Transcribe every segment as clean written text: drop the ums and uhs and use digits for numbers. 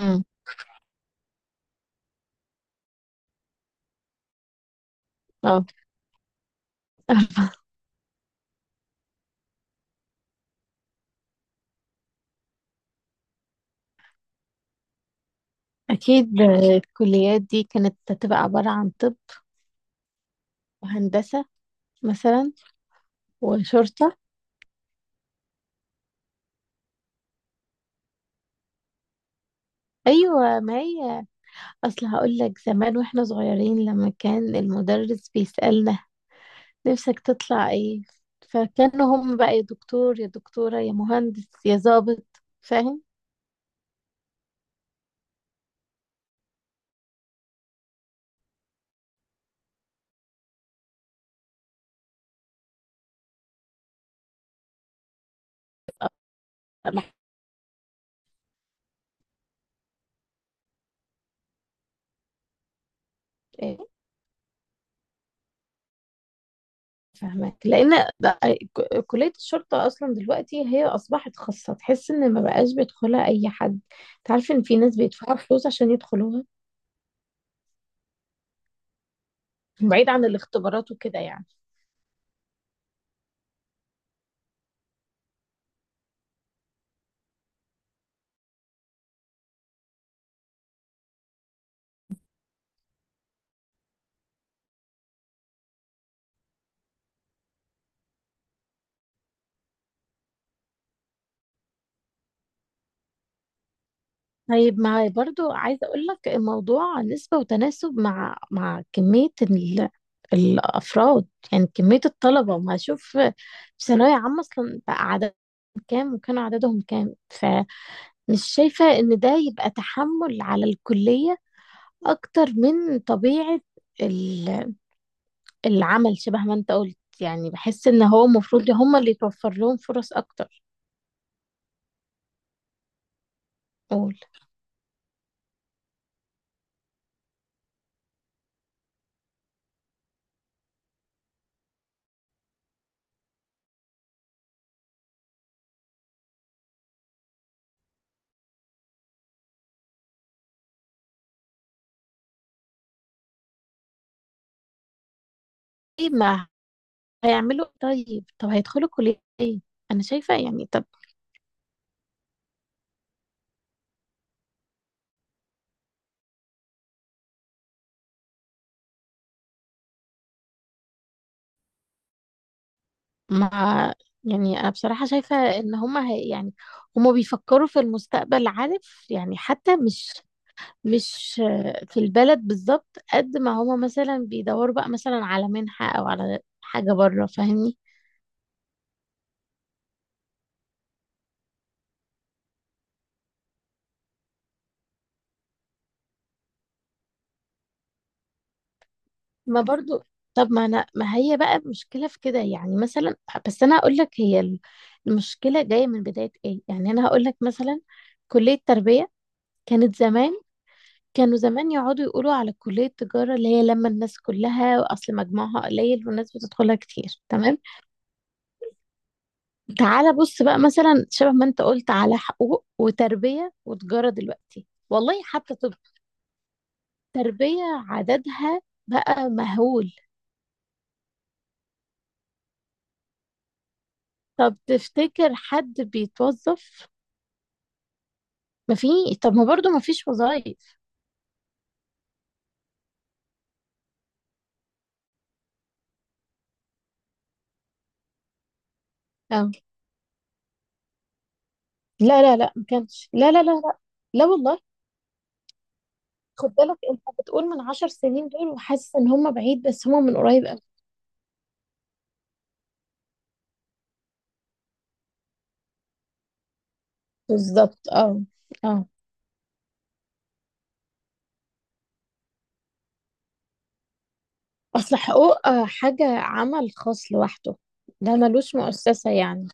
امم اه اكيد آه، الكليات دي كانت هتبقى عبارة عن طب وهندسة مثلا وشرطة. ايوه، ما هي اصل هقول لك زمان واحنا صغيرين لما كان المدرس بيسألنا نفسك تطلع ايه، فكانوا هم بقى يا دكتور يا دكتورة يا مهندس يا ضابط، فاهم؟ طبعاً. إيه، فاهمك لان ده- كلية الشرطة اصلا دلوقتي هي اصبحت خاصة، تحس ان ما بقاش بيدخلها اي حد. تعرف ان في ناس بيدفعوا فلوس عشان يدخلوها بعيد عن الاختبارات وكده يعني. طيب ما برضو عايزة اقول لك الموضوع نسبة وتناسب مع كمية الافراد، يعني كمية الطلبة. ما اشوف في ثانوية عامة اصلا بقى عددهم كام وكانوا عددهم كام؟ فمش شايفة ان ده يبقى تحمل على الكلية اكتر من طبيعة ال- العمل، شبه ما انت قلت يعني. بحس ان هو المفروض هم اللي يتوفر لهم فرص اكتر. قول. طيب ما هيعملوا إيه طيب؟ طب هيدخلوا كلية ايه؟ انا شايفة يعني طب. ما يعني انا بصراحة شايفة ان هما هي يعني، هما بيفكروا في المستقبل، عارف يعني، حتى مش في البلد بالظبط. قد ما هما مثلا بيدوروا بقى مثلا على منحة او على حاجة بره، فاهمني؟ ما برضو. طب ما انا، ما هي بقى مشكلة في كده يعني مثلا. بس انا هقول لك، هي المشكلة جاية من بداية ايه، يعني انا هقول لك مثلا كلية تربية كانت زمان، كانوا زمان يقعدوا يقولوا على كلية التجارة اللي هي لما الناس كلها أصل مجموعها قليل والناس بتدخلها كتير، تمام. تعالى بص بقى مثلا شبه ما انت قلت على حقوق وتربية وتجارة دلوقتي، والله حتى طب. تربية عددها بقى مهول. طب تفتكر حد بيتوظف؟ ما في. طب ما برضو ما فيش وظائف. اه، لا لا لا ما كانش، لا لا لا لا. لا والله. خد بالك انت بتقول من 10 سنين دول وحاسس ان هم بعيد، بس هم من قريب. بالظبط، اه اه. اصل حقوق حاجة عمل خاص لوحده، ده ملوش مؤسسة يعني.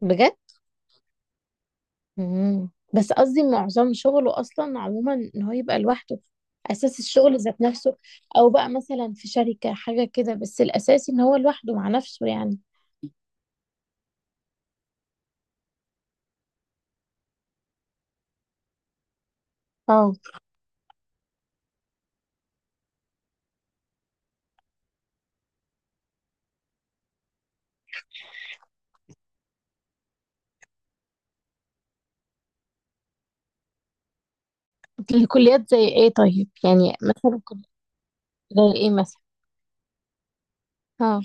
بجد. مم. بس قصدي معظم شغله اصلا عموما ان هو يبقى لوحده، اساس الشغل ذات نفسه. او بقى مثلا في شركة حاجة كده، بس الاساسي ان هو لوحده مع نفسه يعني. اه. الكليات زي ايه طيب، يعني مثلا زي ايه مثلا؟ اه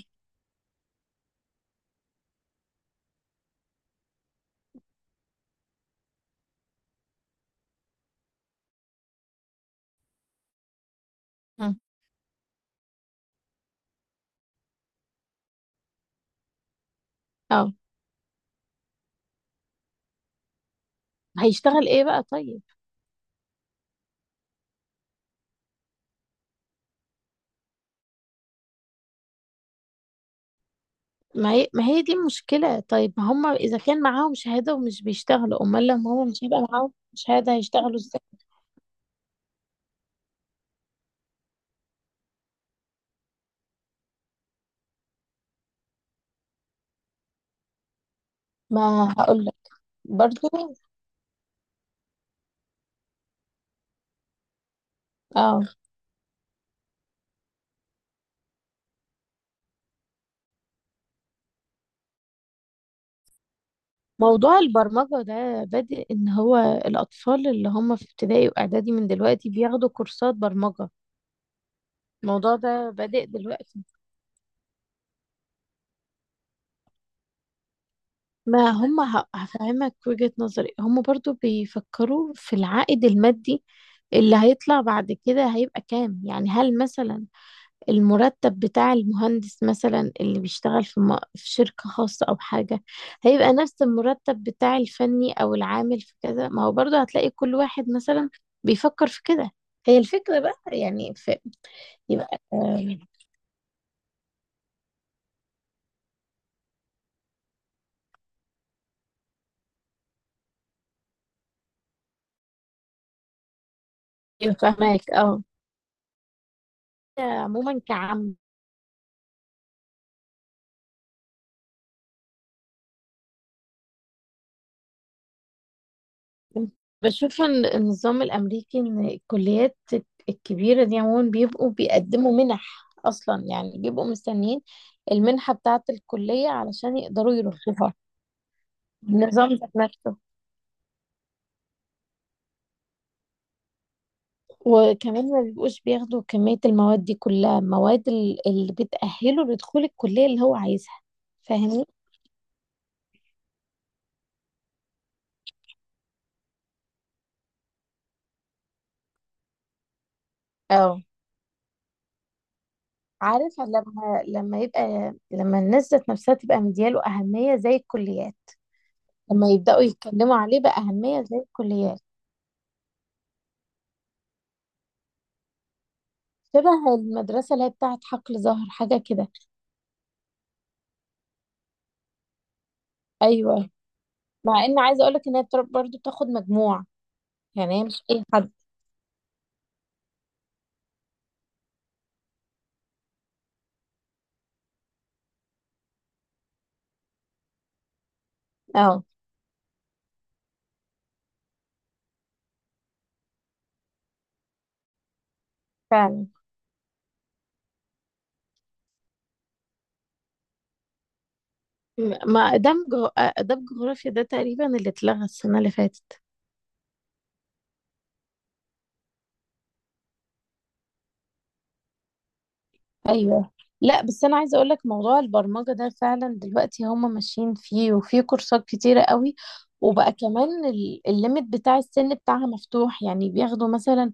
اه آه. هيشتغل ايه بقى طيب؟ ما هي دي المشكلة. طيب ما هم إذا كان معاهم شهادة ومش بيشتغلوا، أمال لما هم مش هيبقى معاهم شهادة هيشتغلوا إزاي؟ ما هقولك برضو، اه. موضوع البرمجة ده بادئ إن هو الأطفال اللي هم في ابتدائي وإعدادي من دلوقتي بياخدوا كورسات برمجة. الموضوع ده بادئ دلوقتي. ما هم هفهمك وجهة نظري. هم برضو بيفكروا في العائد المادي اللي هيطلع بعد كده هيبقى كام، يعني هل مثلا المرتب بتاع المهندس مثلا اللي بيشتغل في في شركة خاصة أو حاجة هيبقى نفس المرتب بتاع الفني أو العامل في كذا؟ ما هو برضه هتلاقي كل واحد مثلا بيفكر في كده. هي الفكرة بقى. يعني في، يبقى يبقى فاهمك اه. عموما كعام بشوف إن النظام الأمريكي إن الكليات الكبيرة دي عموما بيبقوا بيقدموا منح أصلا، يعني بيبقوا مستنيين المنحة بتاعة الكلية علشان يقدروا يرشحوها. النظام ذات نفسه. وكمان ما بيبقوش بياخدوا كمية المواد دي كلها، مواد اللي بتأهله لدخول الكلية اللي هو عايزها، فاهمني؟ اه، عارف. لما يبقى، لما الناس ذات نفسها تبقى مدياله أهمية زي الكليات، لما يبدأوا يتكلموا عليه بأهمية زي الكليات، شبه المدرسة اللي هي بتاعت حقل زهر حاجة كده. أيوة. مع إن عايزة أقولك إن هي برضه بتاخد مجموع، يعني هي مش أي حد. اه فعلا. ما دمج، دمج جغرافيا ده تقريبا اللي اتلغى السنة اللي فاتت. ايوه. لا بس انا عايزه اقول لك موضوع البرمجه ده فعلا دلوقتي هم ماشيين فيه وفي كورسات كتيره قوي، وبقى كمان الليميت بتاع السن بتاعها مفتوح، يعني بياخدوا مثلا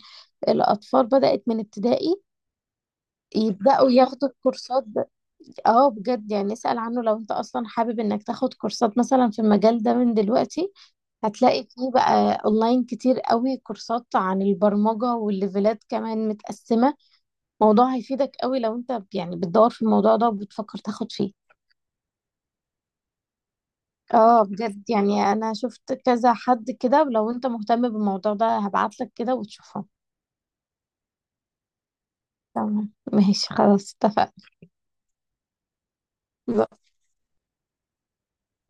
الاطفال، بدات من ابتدائي يبداوا ياخدوا الكورسات. اه بجد، يعني اسأل عنه لو انت اصلا حابب انك تاخد كورسات مثلا في المجال ده من دلوقتي. هتلاقي فيه بقى اونلاين كتير قوي كورسات عن البرمجة، والليفلات كمان متقسمة. موضوع هيفيدك قوي لو انت يعني بتدور في الموضوع ده وبتفكر تاخد فيه. اه بجد، يعني انا شفت كذا حد كده، ولو انت مهتم بالموضوع ده هبعتلك كده وتشوفه. تمام، ماشي، خلاص، اتفقنا.